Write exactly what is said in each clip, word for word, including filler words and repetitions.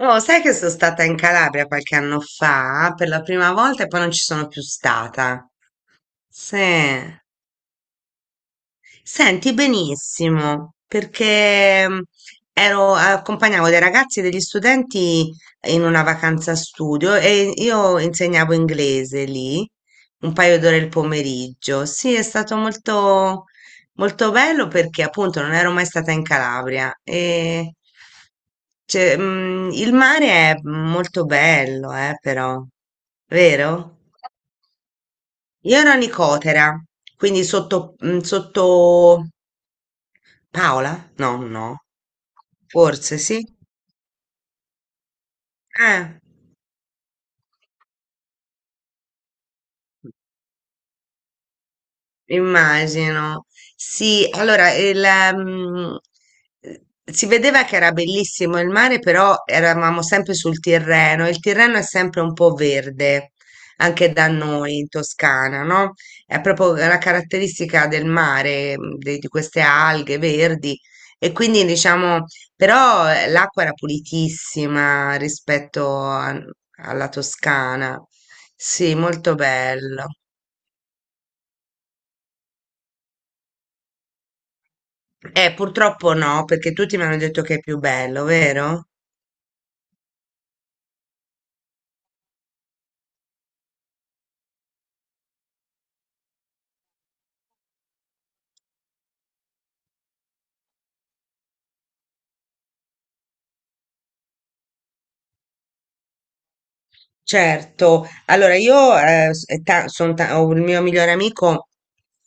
Oh, sai che sono stata in Calabria qualche anno fa per la prima volta e poi non ci sono più stata. Sì. Senti benissimo, perché mm, ero, accompagnavo dei ragazzi e degli studenti in una vacanza studio e io insegnavo inglese lì un paio d'ore il pomeriggio. Sì, è stato molto, molto bello perché appunto non ero mai stata in Calabria e cioè, mm, il mare è molto bello, eh, però, vero? Io ero a Nicotera, quindi sotto, mm, sotto Paola? No, no. Forse sì. Eh, immagino. Sì, allora il, ehm, eh, si vedeva che era bellissimo il mare, però eravamo sempre sul Tirreno. e Il Tirreno è sempre un po' verde, anche da noi in Toscana, no? È proprio la caratteristica del mare, mm, de- di queste alghe verdi. E quindi diciamo, però eh, l'acqua era pulitissima rispetto a- alla Toscana. Sì, molto bello. Eh, purtroppo no, perché tutti mi hanno detto che è più bello, vero? Certo, allora io eh, s- eh, ta- son ta- ho il mio migliore amico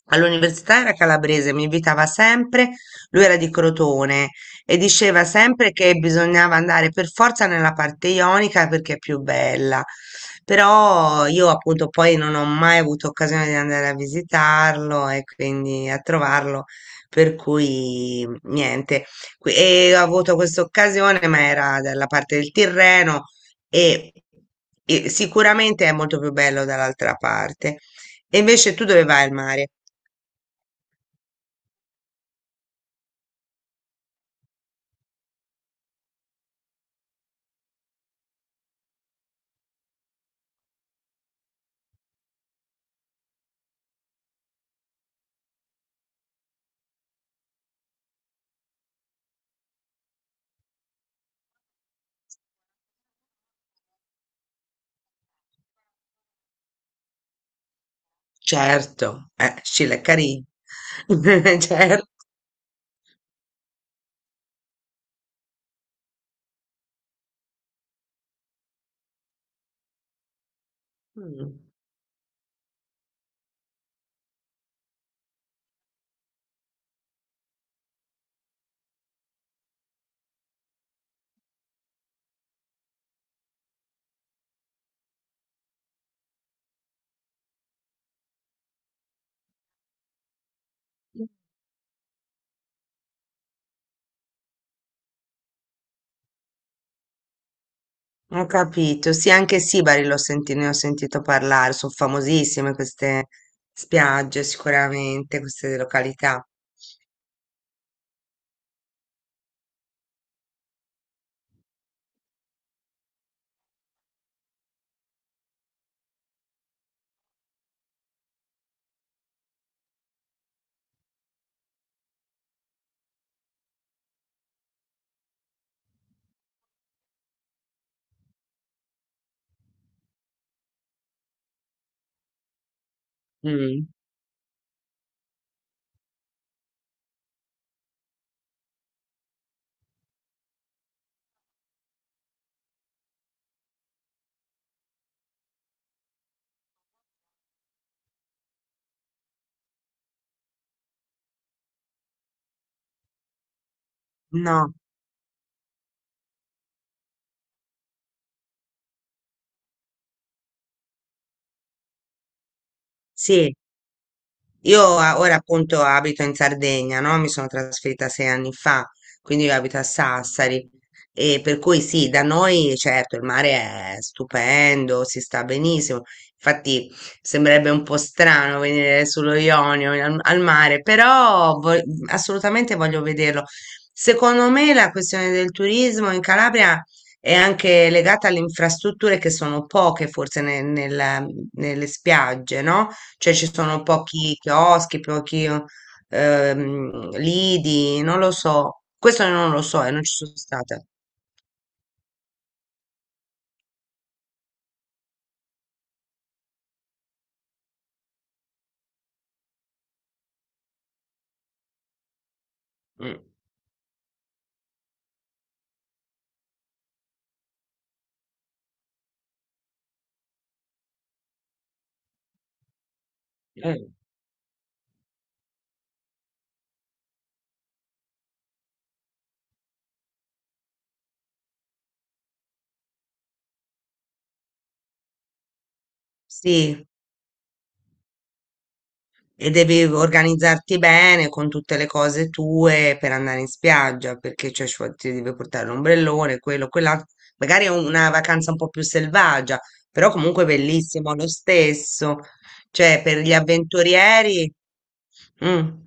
all'università era calabrese, mi invitava sempre, lui era di Crotone e diceva sempre che bisognava andare per forza nella parte ionica perché è più bella, però io appunto poi non ho mai avuto occasione di andare a visitarlo e quindi a trovarlo, per cui niente, Qui- e ho avuto questa occasione ma era dalla parte del Tirreno e, e sicuramente è molto più bello dall'altra parte. E invece tu dove vai al mare? Certo, eh, Scilaccarì. Certo. Mm. Ho capito. Sì, anche Sibari l'ho senti- ne ho sentito parlare, sono famosissime queste spiagge, sicuramente, queste località. Mm. No, sì. Io a- ora appunto abito in Sardegna, no? Mi sono trasferita sei anni fa, quindi io abito a Sassari e per cui sì, da noi certo il mare è stupendo, si sta benissimo. Infatti sembrerebbe un po' strano venire sullo Ionio al, al mare, però vo- assolutamente voglio vederlo. Secondo me la questione del turismo in Calabria è anche legata alle infrastrutture che sono poche forse ne- nella- nelle spiagge, no? Cioè ci sono pochi chioschi, pochi ehm, lidi, non lo so. Questo non lo so e non ci sono stata. Mm. Eh, sì, e devi organizzarti bene con tutte le cose tue per andare in spiaggia, perché cioè, ci vuole- ti devi portare l'ombrellone, quello, quell'altro. Magari è una vacanza un po' più selvaggia, però comunque bellissimo lo stesso. Cioè, per gli avventurieri. Mm.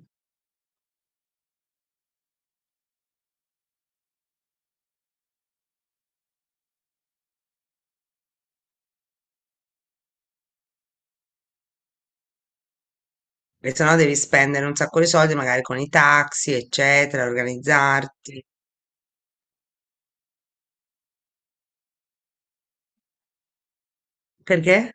E se no devi spendere un sacco di soldi, magari con i taxi, eccetera, organizzarti. Perché?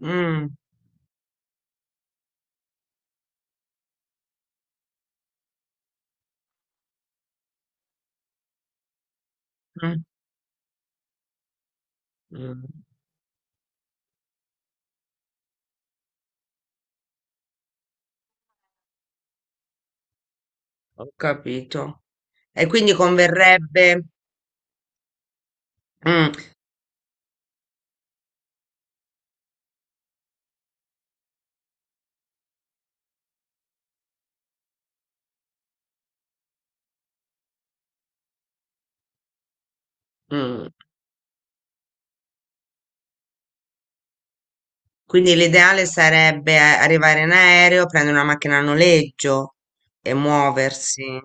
Mm, mm, mm, ho capito. E quindi converrebbe. Mm, mm. Quindi l'ideale sarebbe eh, arrivare in aereo, prendere una macchina a noleggio e muoversi.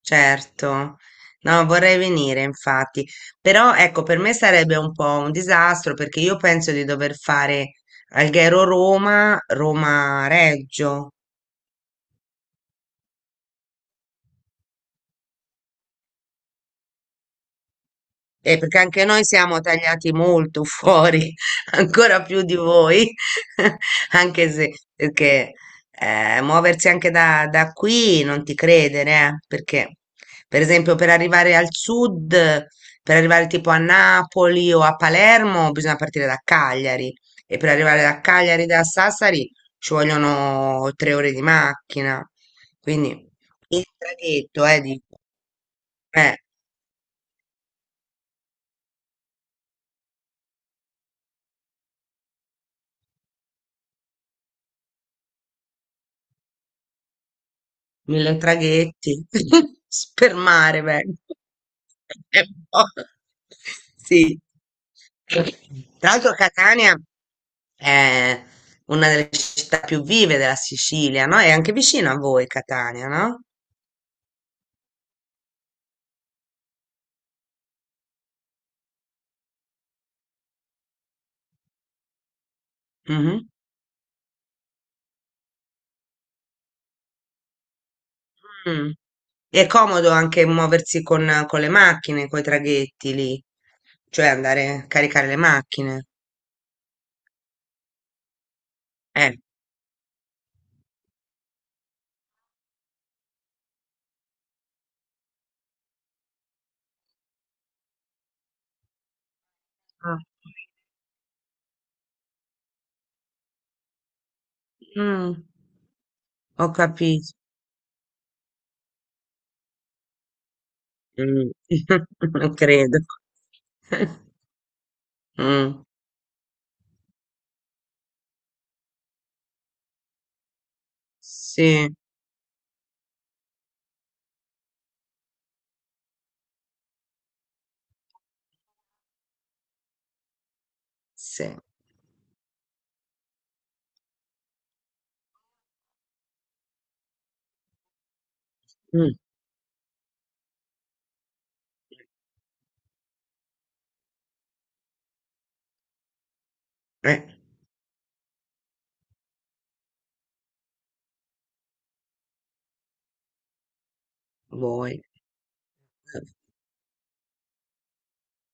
Certo, no, vorrei venire infatti, però ecco, per me sarebbe un po' un disastro perché io penso di dover fare Alghero-Roma, Roma-Reggio. Eh, perché anche noi siamo tagliati molto fuori, ancora più di voi, anche se perché eh, muoversi anche da, da qui non ti credere, eh, perché per esempio per arrivare al sud, per arrivare tipo a Napoli o a Palermo, bisogna partire da Cagliari e per arrivare da Cagliari da Sassari ci vogliono tre ore di macchina, quindi il traghetto, eh, dico, eh. mille traghetti, spermare vengo. È un po'. Sì. Tra l'altro Catania è una delle città più vive della Sicilia, no? È anche vicino a voi Catania, no? Mhm. Mm. È comodo anche muoversi con, con le macchine, con i traghetti lì, cioè andare a caricare le macchine. Eh. Ah. Mm, ho capito. Mh, lo credo. Mh, sì, sì. Mh, eh, vuoi.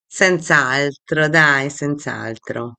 Senz'altro, dai, senz'altro.